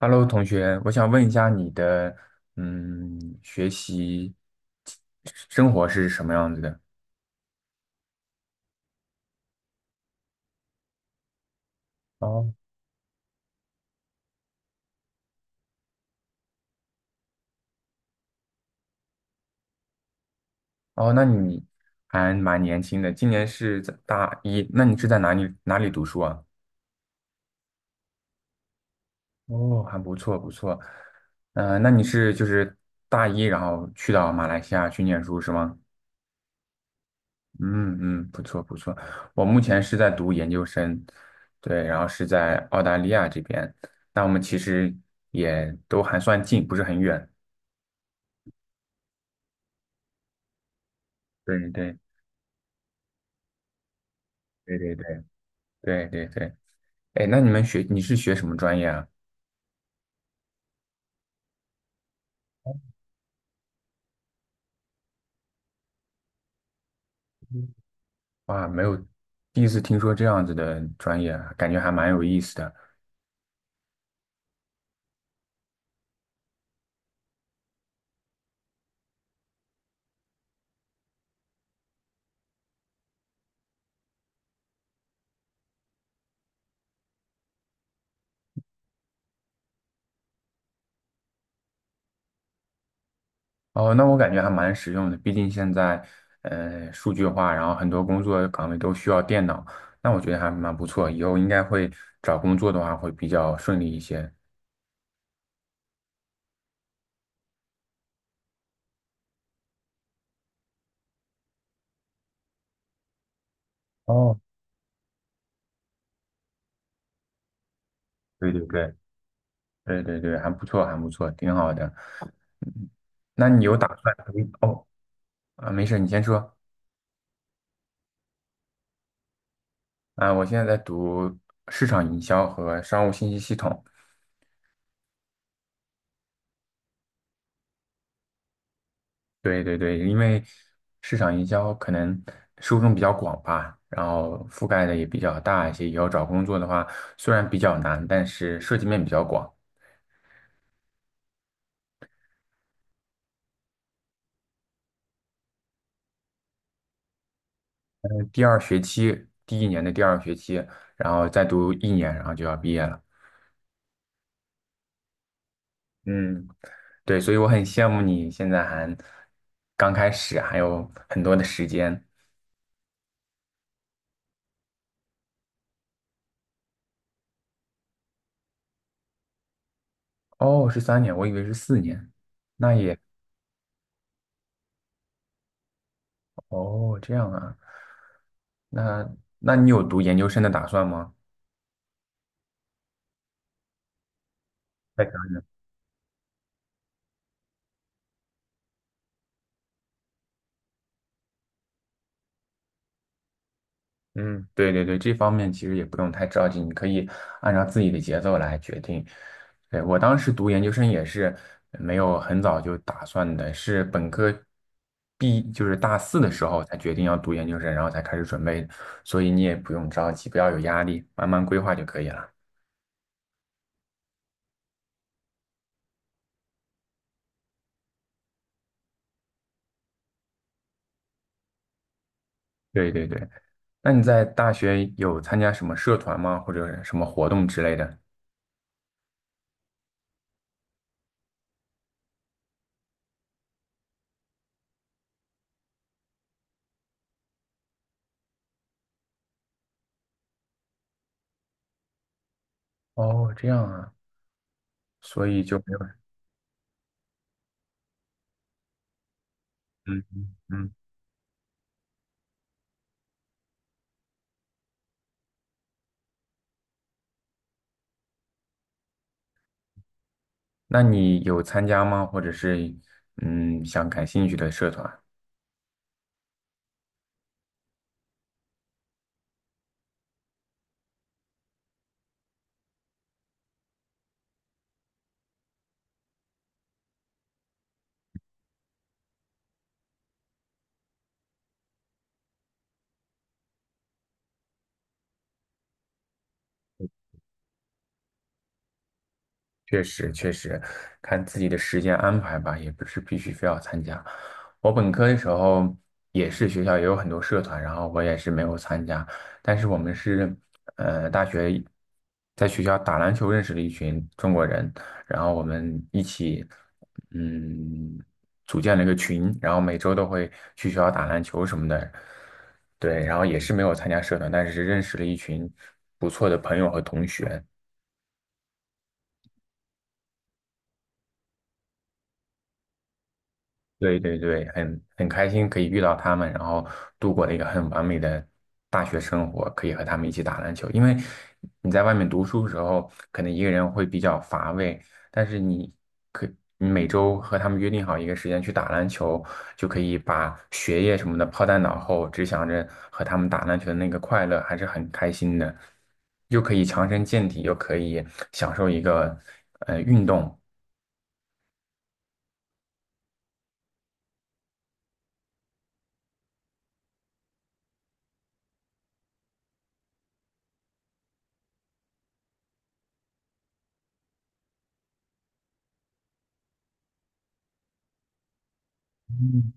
Hello，同学，我想问一下你的，嗯，学习生活是什么样子的？哦，哦，那你还蛮年轻的，今年是在大一，那你是在哪里读书啊？哦，还不错不错，那你是就是大一，然后去到马来西亚去念书是吗？嗯嗯，不错不错，我目前是在读研究生，对，然后是在澳大利亚这边，那我们其实也都还算近，不是很远。对对对对对对对对，哎，那你是学什么专业啊？嗯哇，没有，第一次听说这样子的专业啊，感觉还蛮有意思的。哦，那我感觉还蛮实用的，毕竟现在数据化，然后很多工作岗位都需要电脑，那我觉得还蛮不错，以后应该会找工作的话会比较顺利一些。哦，对对对对对对，还不错，还不错，挺好的。那你有打算哦，啊，没事，你先说。啊，我现在在读市场营销和商务信息系统。对对对，因为市场营销可能受众比较广吧，然后覆盖的也比较大一些。以后找工作的话，虽然比较难，但是涉及面比较广。第二学期，第一年的第二学期，然后再读一年，然后就要毕业了。嗯，对，所以我很羡慕你现在还刚开始，还有很多的时间。哦，是3年，我以为是4年，那也。哦，这样啊，那那你有读研究生的打算吗？在想嗯，对对对，这方面其实也不用太着急，你可以按照自己的节奏来决定。对，我当时读研究生也是没有很早就打算的，是本科毕，就是大四的时候才决定要读研究生，然后才开始准备，所以你也不用着急，不要有压力，慢慢规划就可以了。对对对，那你在大学有参加什么社团吗？或者什么活动之类的？哦，这样啊。所以就没有，嗯嗯，嗯，那你有参加吗？或者是想感兴趣的社团？确实，确实，看自己的时间安排吧，也不是必须非要参加。我本科的时候也是学校也有很多社团，然后我也是没有参加。但是我们是，大学在学校打篮球认识了一群中国人，然后我们一起，嗯，组建了一个群，然后每周都会去学校打篮球什么的。对，然后也是没有参加社团，但是认识了一群不错的朋友和同学。对对对，很开心可以遇到他们，然后度过了一个很完美的大学生活，可以和他们一起打篮球。因为你在外面读书的时候，可能一个人会比较乏味，但是可你每周和他们约定好一个时间去打篮球，就可以把学业什么的抛在脑后，只想着和他们打篮球的那个快乐，还是很开心的，又可以强身健体，又可以享受一个运动。嗯，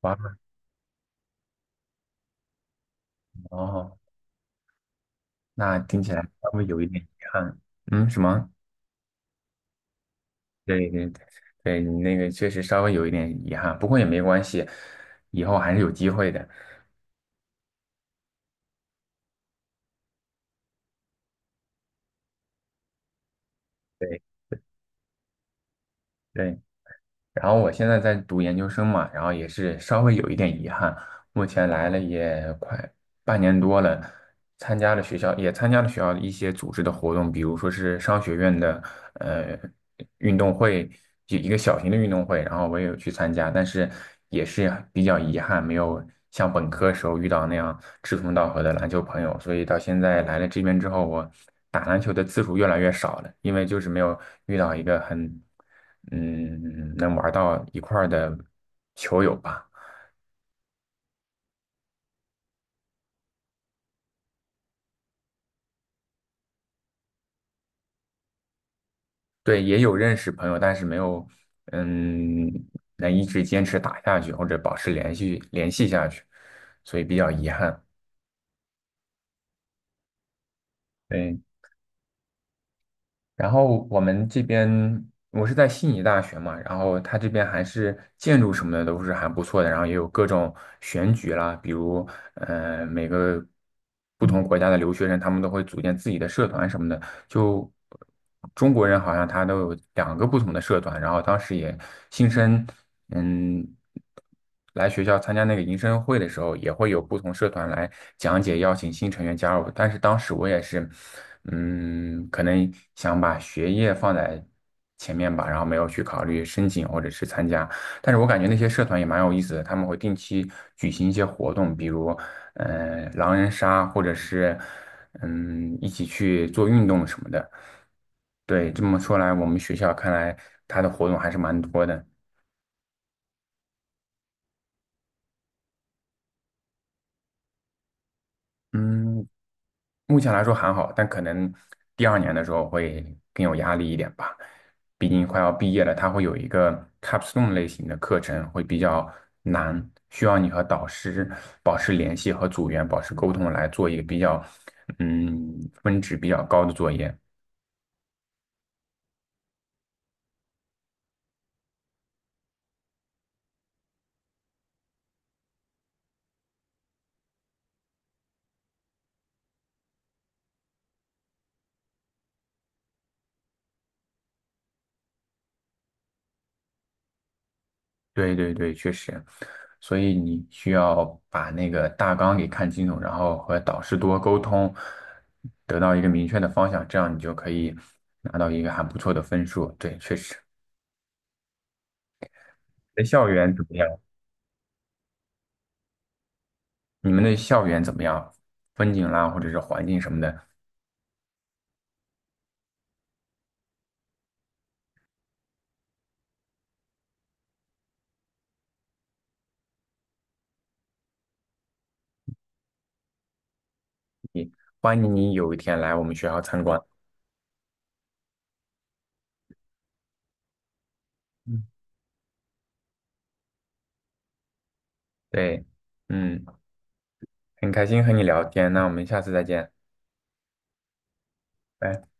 哇哦，那听起来稍微有一点遗憾。嗯，什么？对对对，对你那个确实稍微有一点遗憾，不过也没关系，以后还是有机会的。对对，然后我现在在读研究生嘛，然后也是稍微有一点遗憾，目前来了也快半年多了，参加了学校的一些组织的活动，比如说是商学院的呃运动会，就一个小型的运动会，然后我也有去参加，但是也是比较遗憾，没有像本科时候遇到那样志同道合的篮球朋友，所以到现在来了这边之后，我打篮球的次数越来越少了，因为就是没有遇到一个很，能玩到一块儿的球友吧。对，也有认识朋友，但是没有，嗯，能一直坚持打下去或者保持联系下去，所以比较遗憾。对。然后我们这边我是在悉尼大学嘛，然后它这边还是建筑什么的都是还不错的，然后也有各种选举啦，比如每个不同国家的留学生，他们都会组建自己的社团什么的。就中国人好像他都有两个不同的社团，然后当时也新生嗯。来学校参加那个迎新会的时候，也会有不同社团来讲解，邀请新成员加入。但是当时我也是，可能想把学业放在前面吧，然后没有去考虑申请或者是参加。但是我感觉那些社团也蛮有意思的，他们会定期举行一些活动，比如，狼人杀，或者是，一起去做运动什么的。对，这么说来，我们学校看来它的活动还是蛮多的。嗯，目前来说还好，但可能第二年的时候会更有压力一点吧。毕竟快要毕业了，它会有一个 capstone 类型的课程，会比较难，需要你和导师保持联系和组员保持沟通，来做一个比较，嗯，分值比较高的作业。对对对，确实，所以你需要把那个大纲给看清楚，然后和导师多沟通，得到一个明确的方向，这样你就可以拿到一个还不错的分数。对，确实。你的校园怎么样？你们的校园怎么样？风景啦，或者是环境什么的，欢迎你有一天来我们学校参观。嗯，对，嗯，很开心和你聊天，那我们下次再见，拜。